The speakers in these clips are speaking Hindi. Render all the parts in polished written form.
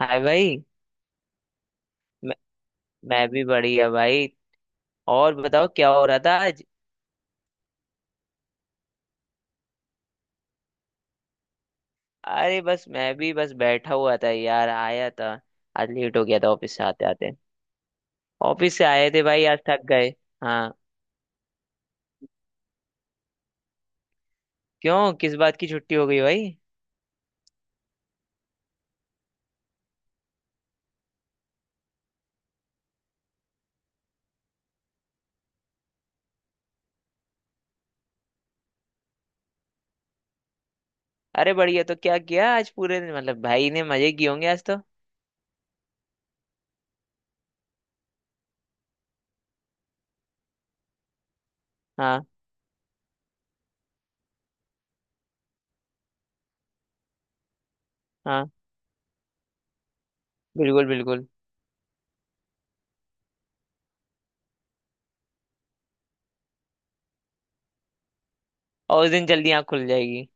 हाय भाई। मैं, मैं भी बढ़िया भाई। और बताओ क्या हो रहा था आज। अरे बस मैं भी बस बैठा हुआ था यार, आया था। आज लेट हो गया था ऑफिस से आते आते। ऑफिस से आए थे भाई, आज थक गए। हाँ। क्यों, किस बात की छुट्टी हो गई भाई? अरे बढ़िया, तो क्या किया आज पूरे दिन? मतलब भाई ने मजे किए होंगे आज तो। हाँ हाँ, बिल्कुल बिल्कुल। और उस दिन जल्दी आँख खुल जाएगी।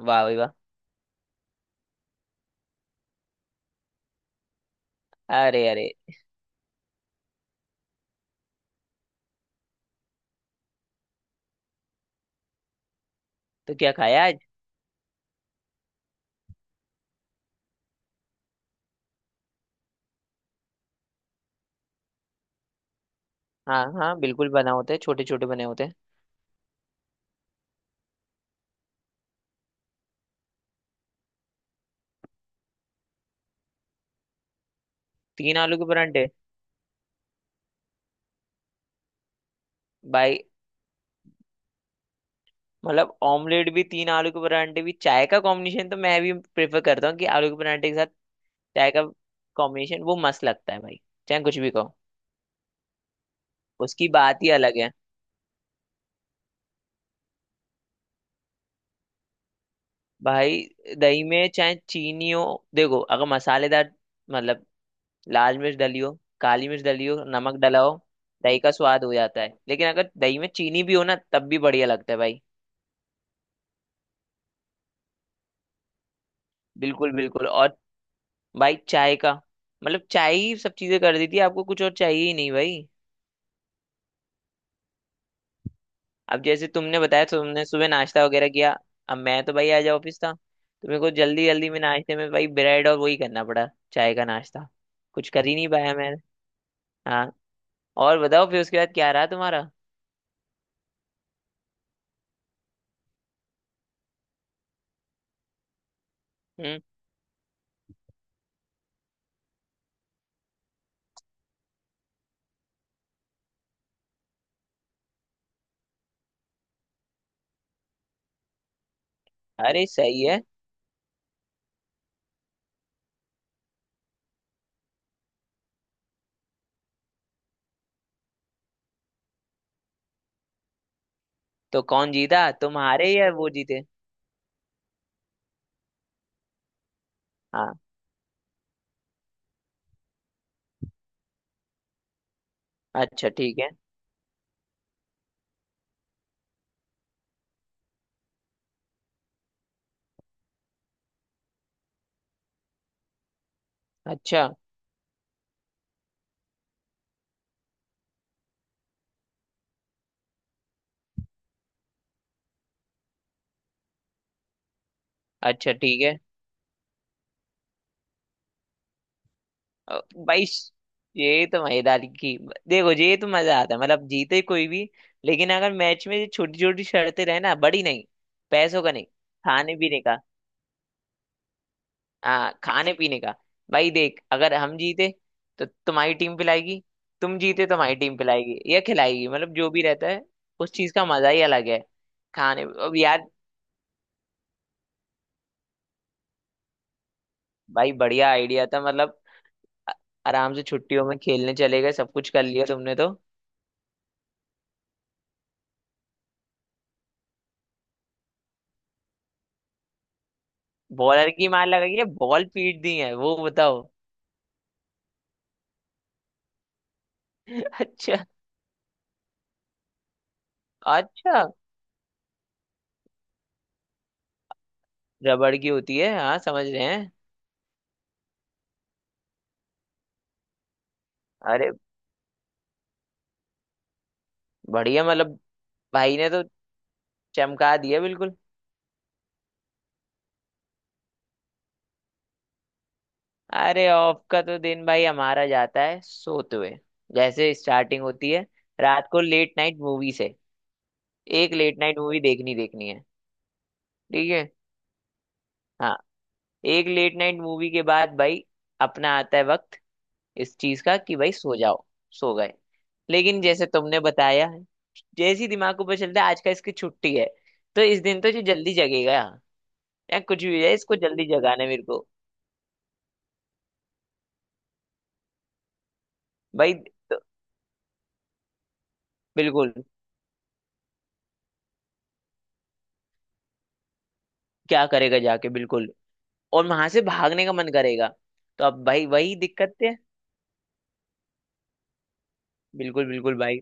वाह भाई वाह। अरे अरे। तो क्या खाया आज? हाँ हाँ बिल्कुल, बना होते हैं, छोटे छोटे बने होते हैं। तीन आलू के परांठे। भाई, मतलब ऑमलेट भी, तीन आलू के परांठे भी, चाय का कॉम्बिनेशन तो मैं भी प्रेफर करता हूँ कि आलू के परांठे के साथ चाय का कॉम्बिनेशन वो मस्त लगता है भाई। चाहे कुछ भी कहो। उसकी बात ही अलग है। भाई दही में चाहे चीनी हो, देखो अगर मसालेदार मतलब लाल मिर्च डली हो, काली मिर्च डली हो, नमक डला हो, दही का स्वाद हो जाता है। लेकिन अगर दही में चीनी भी हो ना, तब भी बढ़िया लगता है भाई। बिल्कुल बिल्कुल। और भाई चाय का मतलब, चाय ही सब चीजें कर देती है, आपको कुछ और चाहिए ही नहीं भाई। अब जैसे तुमने बताया तुमने सुबह नाश्ता वगैरह किया। अब मैं तो भाई आज ऑफिस था तो मेरे को जल्दी जल्दी में नाश्ते में भाई ब्रेड और वही करना पड़ा। चाय का नाश्ता। कुछ कर ही नहीं पाया मैं। हाँ। और बताओ फिर उसके बाद क्या रहा तुम्हारा? हम्म। अरे सही है। तो कौन जीता, तुम्हारे या वो जीते? हाँ। अच्छा ठीक है। अच्छा। अच्छा ठीक है। अ, भाई श- ये तो मजेदारी की। देखो ये तो मजा आता है, मतलब जीते कोई भी, लेकिन अगर मैच में छोटी छोटी शर्तें रहे ना, बड़ी नहीं। पैसों का नहीं, खाने पीने का। हाँ खाने पीने का। भाई देख अगर हम जीते तो तुम्हारी टीम पिलाएगी। तुम जीते तो हमारी टीम पिलाएगी या खिलाएगी, मतलब जो भी रहता है। उस चीज का मजा ही अलग है। खाने, अब यार भाई बढ़िया आइडिया था मतलब। आराम से छुट्टियों में खेलने चले गए, सब कुछ कर लिया तुमने तो। बॉलर की मार लगाई है, बॉल पीट दी है, वो बताओ। अच्छा। अच्छा। रबड़ की होती है, हाँ समझ रहे हैं। अरे बढ़िया, मतलब भाई ने तो चमका दिया बिल्कुल। अरे ऑफ का तो दिन भाई हमारा जाता है सोते हुए। जैसे स्टार्टिंग होती है रात को लेट नाइट मूवी से। एक लेट नाइट मूवी देखनी देखनी है। ठीक है। हाँ। एक लेट नाइट मूवी के बाद भाई अपना आता है वक्त इस चीज का कि भाई सो जाओ। सो गए। लेकिन जैसे तुमने बताया, जैसे ही दिमाग को पता चलता है आज का इसकी छुट्टी है तो इस दिन तो ये जल्दी जगेगा। या कुछ भी है, इसको जल्दी जगाना है मेरे को। भाई बिल्कुल। क्या करेगा जाके, बिल्कुल। और वहां से भागने का मन करेगा। तो अब भाई वही दिक्कत है। बिल्कुल बिल्कुल भाई।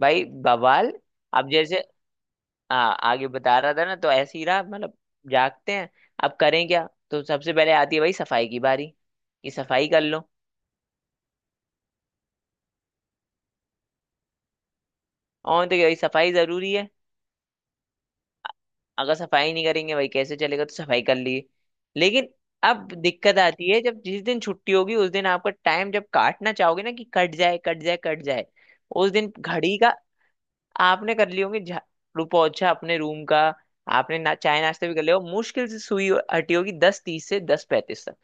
भाई बवाल। अब जैसे आगे बता रहा था ना, तो ऐसे ही रहा मतलब जागते हैं। अब करें क्या, तो सबसे पहले आती है भाई सफाई की बारी, कि सफाई कर लो। और तो भाई सफाई जरूरी है। अगर सफाई नहीं करेंगे भाई कैसे चलेगा, तो सफाई कर लिए। लेकिन अब दिक्कत आती है, जब जिस दिन छुट्टी होगी उस दिन आपका टाइम जब काटना चाहोगे ना, कि कट जाए कट जाए कट जाए। उस दिन घड़ी का आपने कर लिए होंगे रुपौछा अपने रूम का। आपने ना चाय नाश्ते भी कर लिया हो, मुश्किल से सुई हटी होगी 10:30 से 10:35 तक।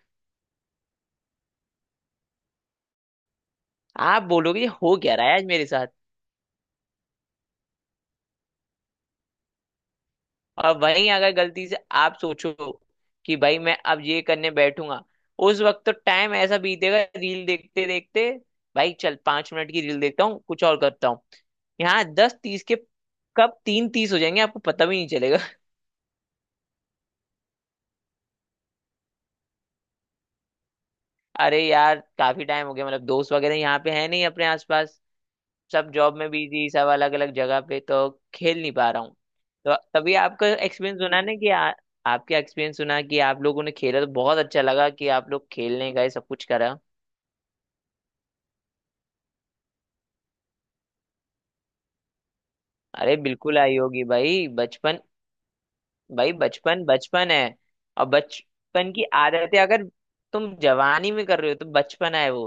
आप बोलोगे ये हो क्या रहा है आज मेरे साथ। और वहीं अगर गलती से आप सोचो कि भाई मैं अब ये करने बैठूंगा, उस वक्त तो टाइम ऐसा बीतेगा, रील देखते देखते भाई, चल 5 मिनट की रील देखता हूँ, कुछ और करता हूँ। यहाँ 10:30 के कब 3:30 हो जाएंगे आपको पता भी नहीं चलेगा। अरे यार काफी टाइम हो गया, मतलब दोस्त वगैरह यहाँ पे है नहीं अपने आसपास। सब जॉब में बिजी, सब अलग अलग जगह पे, तो खेल नहीं पा रहा हूँ। तो तभी आपका एक्सपीरियंस सुना ना कि आपका एक्सपीरियंस सुना कि आप लोगों ने खेला तो बहुत अच्छा लगा, कि आप लोग खेलने गए सब कुछ करा। अरे बिल्कुल आई होगी भाई बचपन। भाई बचपन बचपन है। और बचपन की आदतें अगर तुम जवानी में कर रहे हो तो बचपन है वो।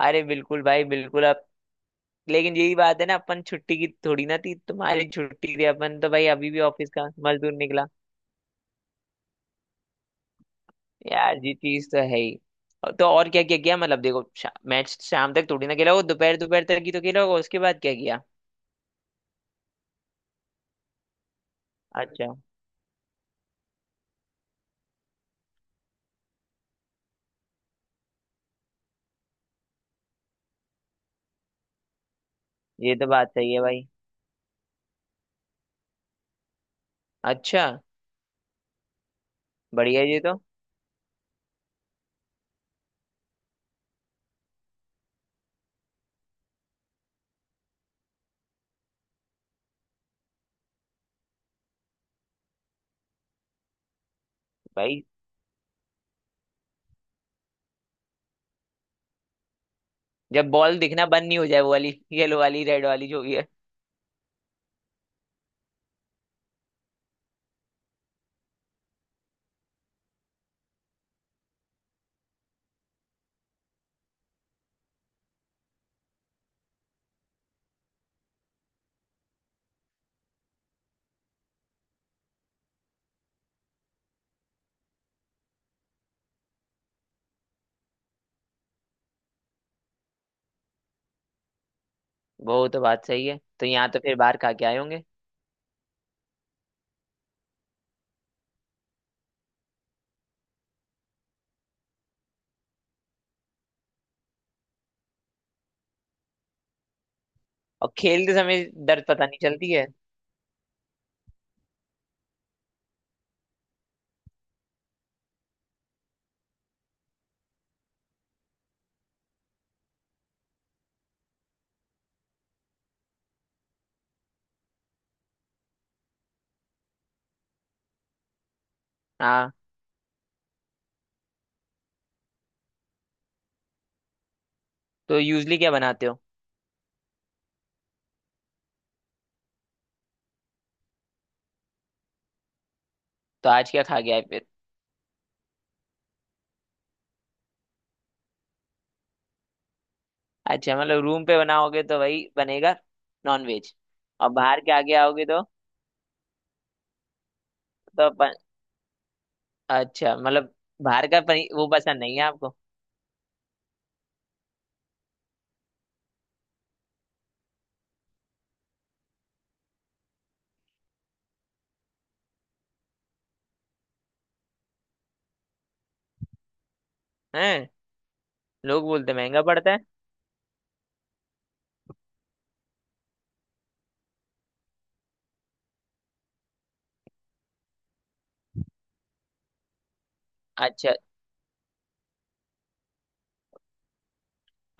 अरे बिल्कुल भाई बिल्कुल। अब लेकिन यही बात है ना, अपन छुट्टी की थोड़ी ना थी, तुम्हारी छुट्टी थी, अपन तो भाई अभी भी ऑफिस का मजदूर निकला। यार ये चीज तो है ही। तो और क्या क्या किया मतलब, देखो मैच शाम तक थोड़ी ना खेला, वो दोपहर दोपहर तक ही तो खेला होगा, उसके बाद क्या किया। अच्छा। ये तो बात सही है भाई। अच्छा। बढ़िया ये तो भाई। जब बॉल दिखना बंद नहीं हो जाए, वो वाली येलो वाली रेड वाली जो भी है। वो तो बात सही है, तो यहाँ तो फिर बाहर खा के आए होंगे। और खेलते समय दर्द पता नहीं चलती है। हाँ। तो यूजली क्या बनाते हो? तो आज क्या खा के आए फिर? अच्छा मतलब रूम पे बनाओगे तो भाई बनेगा नॉन वेज। और बाहर के आगे आओगे तो? तो अच्छा, मतलब बाहर का पनी वो पसंद नहीं है आपको? हैं, लोग बोलते महंगा पड़ता है। अच्छा।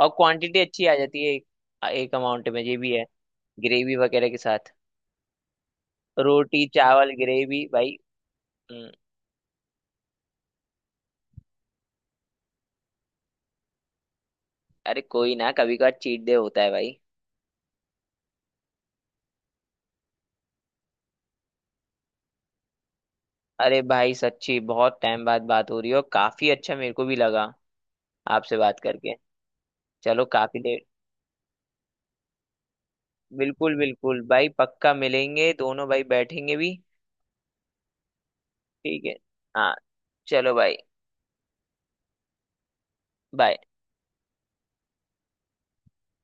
और क्वांटिटी अच्छी आ जाती है, एक अमाउंट में ये भी है, ग्रेवी वगैरह के साथ। रोटी चावल ग्रेवी भाई। हम्म। अरे कोई ना, कभी कभार चीट डे होता है भाई। अरे भाई सच्ची बहुत टाइम बाद बात हो रही हो, काफी अच्छा मेरे को भी लगा आपसे बात करके। चलो काफी देर। बिल्कुल बिल्कुल भाई, पक्का मिलेंगे, दोनों भाई बैठेंगे भी। ठीक है। हाँ। चलो भाई। बाय।